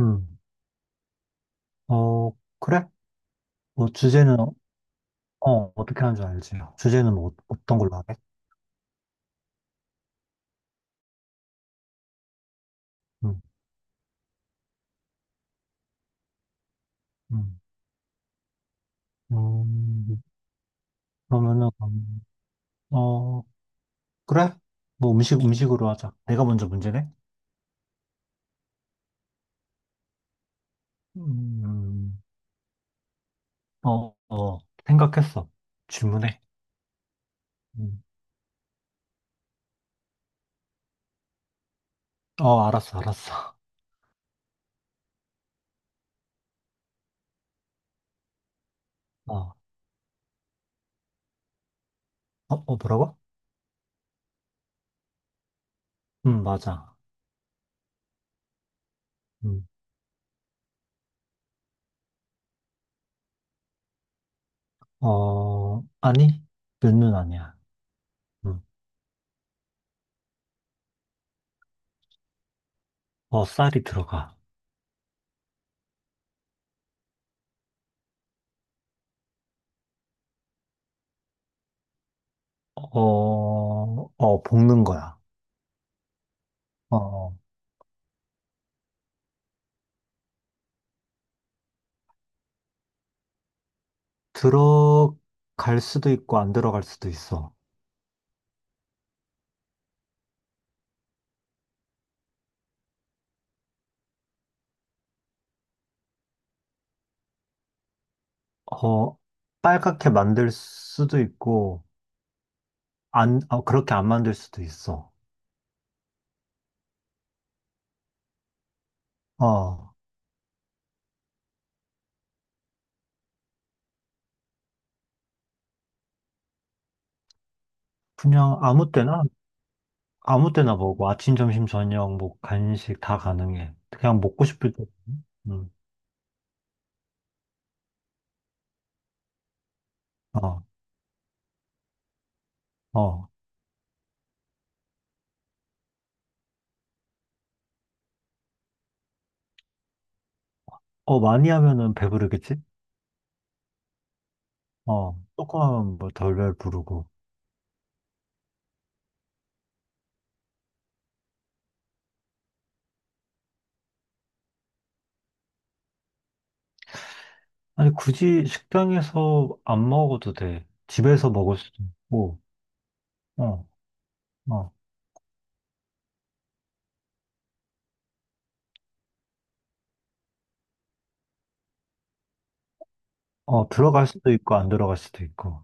음. 어, 그래? 뭐, 주제는, 떻게 하는 줄 알지? 주제는 뭐, 어떤 걸로 하게? 음, 음. 음, 그러면은, 어, 그래? 뭐, 음식으로 하자. 내가 먼저 문제네? 음, 어, 어, 생각했어. 질문해. 음. 알았어, 알았어. 어, 어, 뭐라고? 맞아. 음, 아니, 면은 아니야. 음, 쌀이 들어가. 어, 어, 볶는 거야. 어, 어. 들어갈 수도 있고 안 들어갈 수도 있어. 어, 빨갛게 만들 수도 있고 안 어, 그렇게 안 만들 수도 있어. 어, 그냥 아무 때나. 아무 때나 먹어. 아침, 점심, 저녁, 뭐 간식 다 가능해. 그냥 먹고 싶을 때. 음, 어, 어, 어 많이 하면은 배부르겠지? 어, 조금 하면 뭐 덜덜 부르고. 아니, 굳이 식당에서 안 먹어도 돼. 집에서 먹을 수도 있고. 어, 어. 어, 들어갈 수도 있고, 안 들어갈 수도 있고.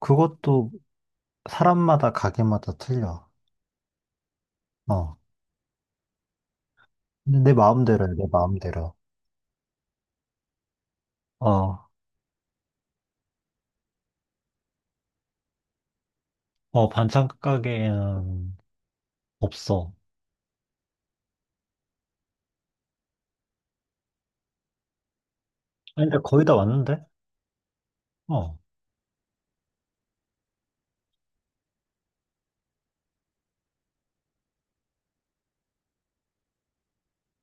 그것도 사람마다 가게마다 틀려. 어. 근데 내 마음대로야, 내 마음대로. 어, 어, 반찬 가게에는 없어. 아니, 근데 거의 다 왔는데? 어,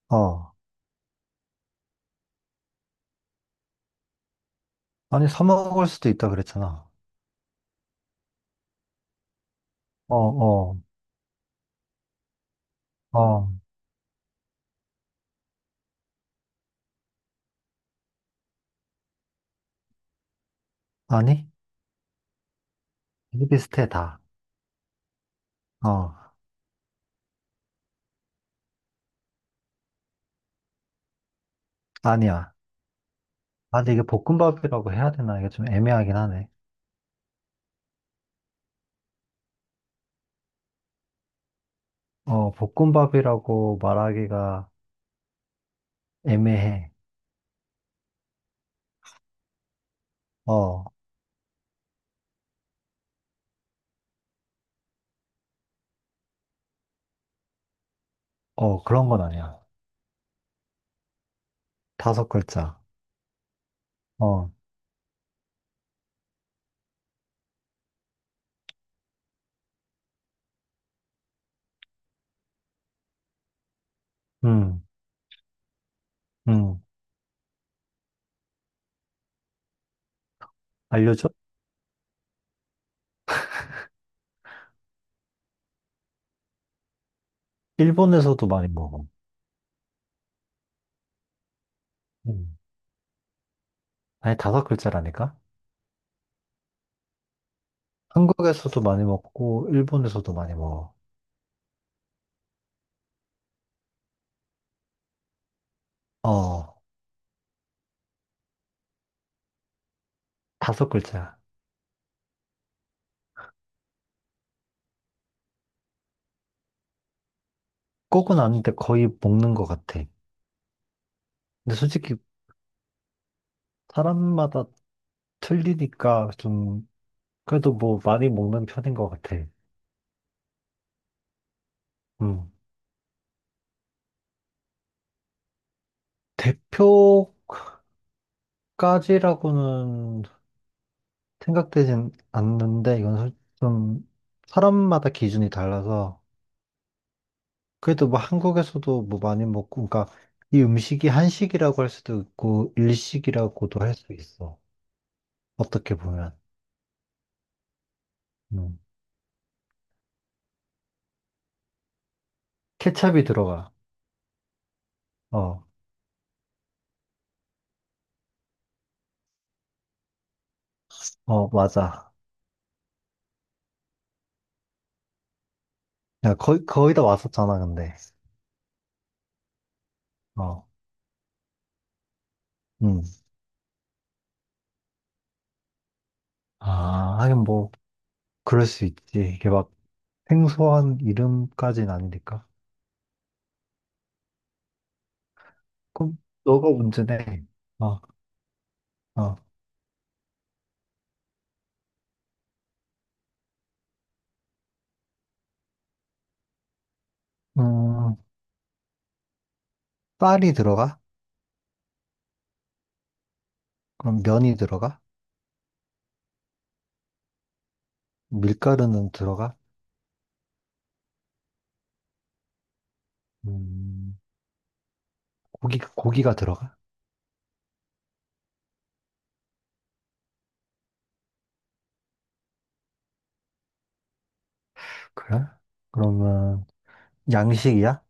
어. 아니, 사 먹을 수도 있다 그랬잖아. 어, 어, 어. 아니? 되게 비슷해, 다. 어, 아니야. 아, 근데 이게 볶음밥이라고 해야 되나? 이게 좀 애매하긴 하네. 어, 볶음밥이라고 말하기가 애매해. 어, 어, 그런 건 아니야. 다섯 글자. 어, 음, 음. 알려줘? 일본에서도 많이 먹어. 음. 아니, 다섯 글자라니까? 한국에서도 많이 먹고, 일본에서도 많이 먹어. 어, 다섯 글자. 꼭은 아닌데 거의 먹는 것 같아. 근데 솔직히 사람마다 틀리니까 좀, 그래도 뭐 많이 먹는 편인 것 같아. 음. 대표까지라고는 생각되진 않는데, 이건 좀 사람마다 기준이 달라서, 그래도 뭐 한국에서도 뭐 많이 먹고, 그러니까 이 음식이 한식이라고 할 수도 있고, 일식이라고도 할 수 있어. 어떻게 보면. 음. 케첩이 들어가. 어, 어, 맞아. 야, 거의 다 왔었잖아, 근데. 어, 음. 아, 하긴 뭐, 그럴 수 있지. 이게 막 생소한 이름까지는 아니니까. 그럼 너가 문제네. 어, 어. 음, 쌀이 들어가? 그럼 면이 들어가? 밀가루는 들어가? 음, 고기가 들어가? 그래? 그러면 양식이야?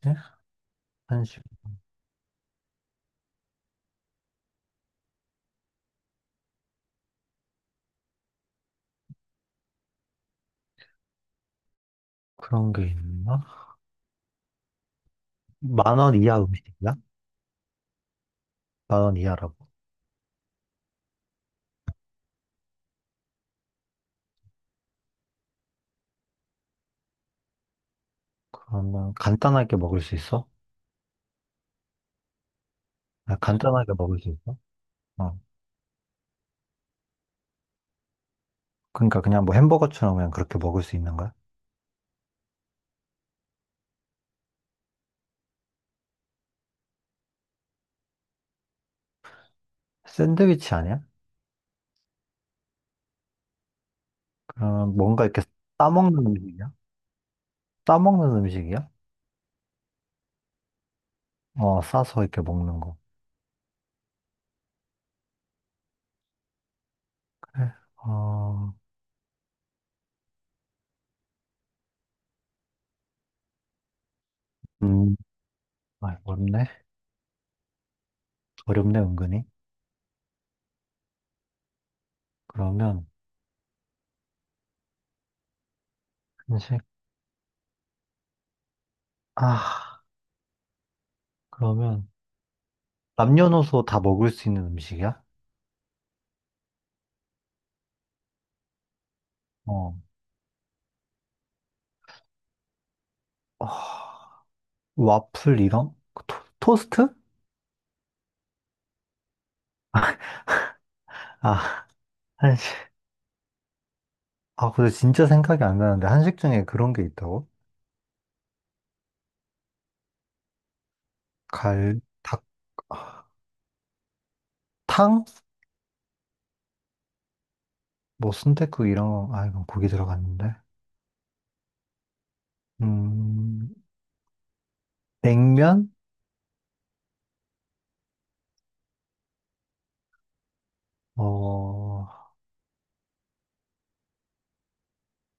뭐지? 한식. 그런 게 있나? 10,000원 이하 음식이야? 10,000원 이하라고. 그러면 간단하게 먹을 수 있어? 아, 간단하게 먹을 수 있어? 어. 그러니까 그냥 뭐 햄버거처럼 그냥 그렇게 먹을 수 있는 거야? 샌드위치 아니야? 그러면 뭔가 이렇게 싸먹는 음식이야? 싸먹는 음식이야? 어, 싸서 이렇게 먹는 거. 그래. 음, 아, 어렵네. 어렵네, 은근히. 그러면, 한식. 아, 그러면. 남녀노소 다 먹을 수 있는 음식이야? 어. 아, 와플 이런? 그 토, 스트. 아, 한식. 아, 근데 진짜 생각이 안 나는데 한식 중에 그런 게 있다고? 갈, 닭, 아, 탕? 뭐 순댓국 이런 거, 아, 이건 고기 들어갔는데. 음, 냉면? 어,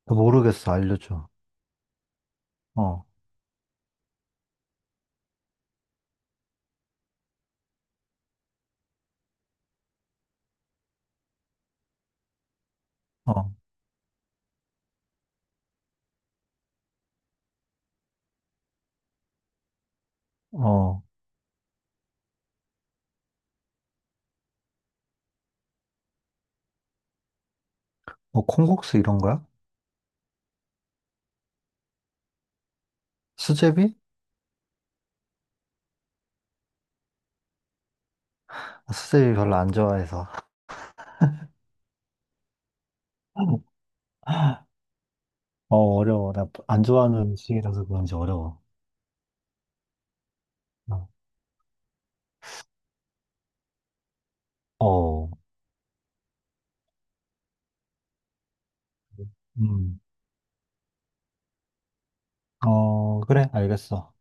모르겠어. 알려줘. 어, 어, 어. 뭐 콩국수 이런 거야? 수제비? 아, 수제비 별로 안 좋아해서. 어, 어려워. 나 안 좋아하는 음식이라서 그런지 어려워. 어, 어, 음, 어, 그래, 알겠어.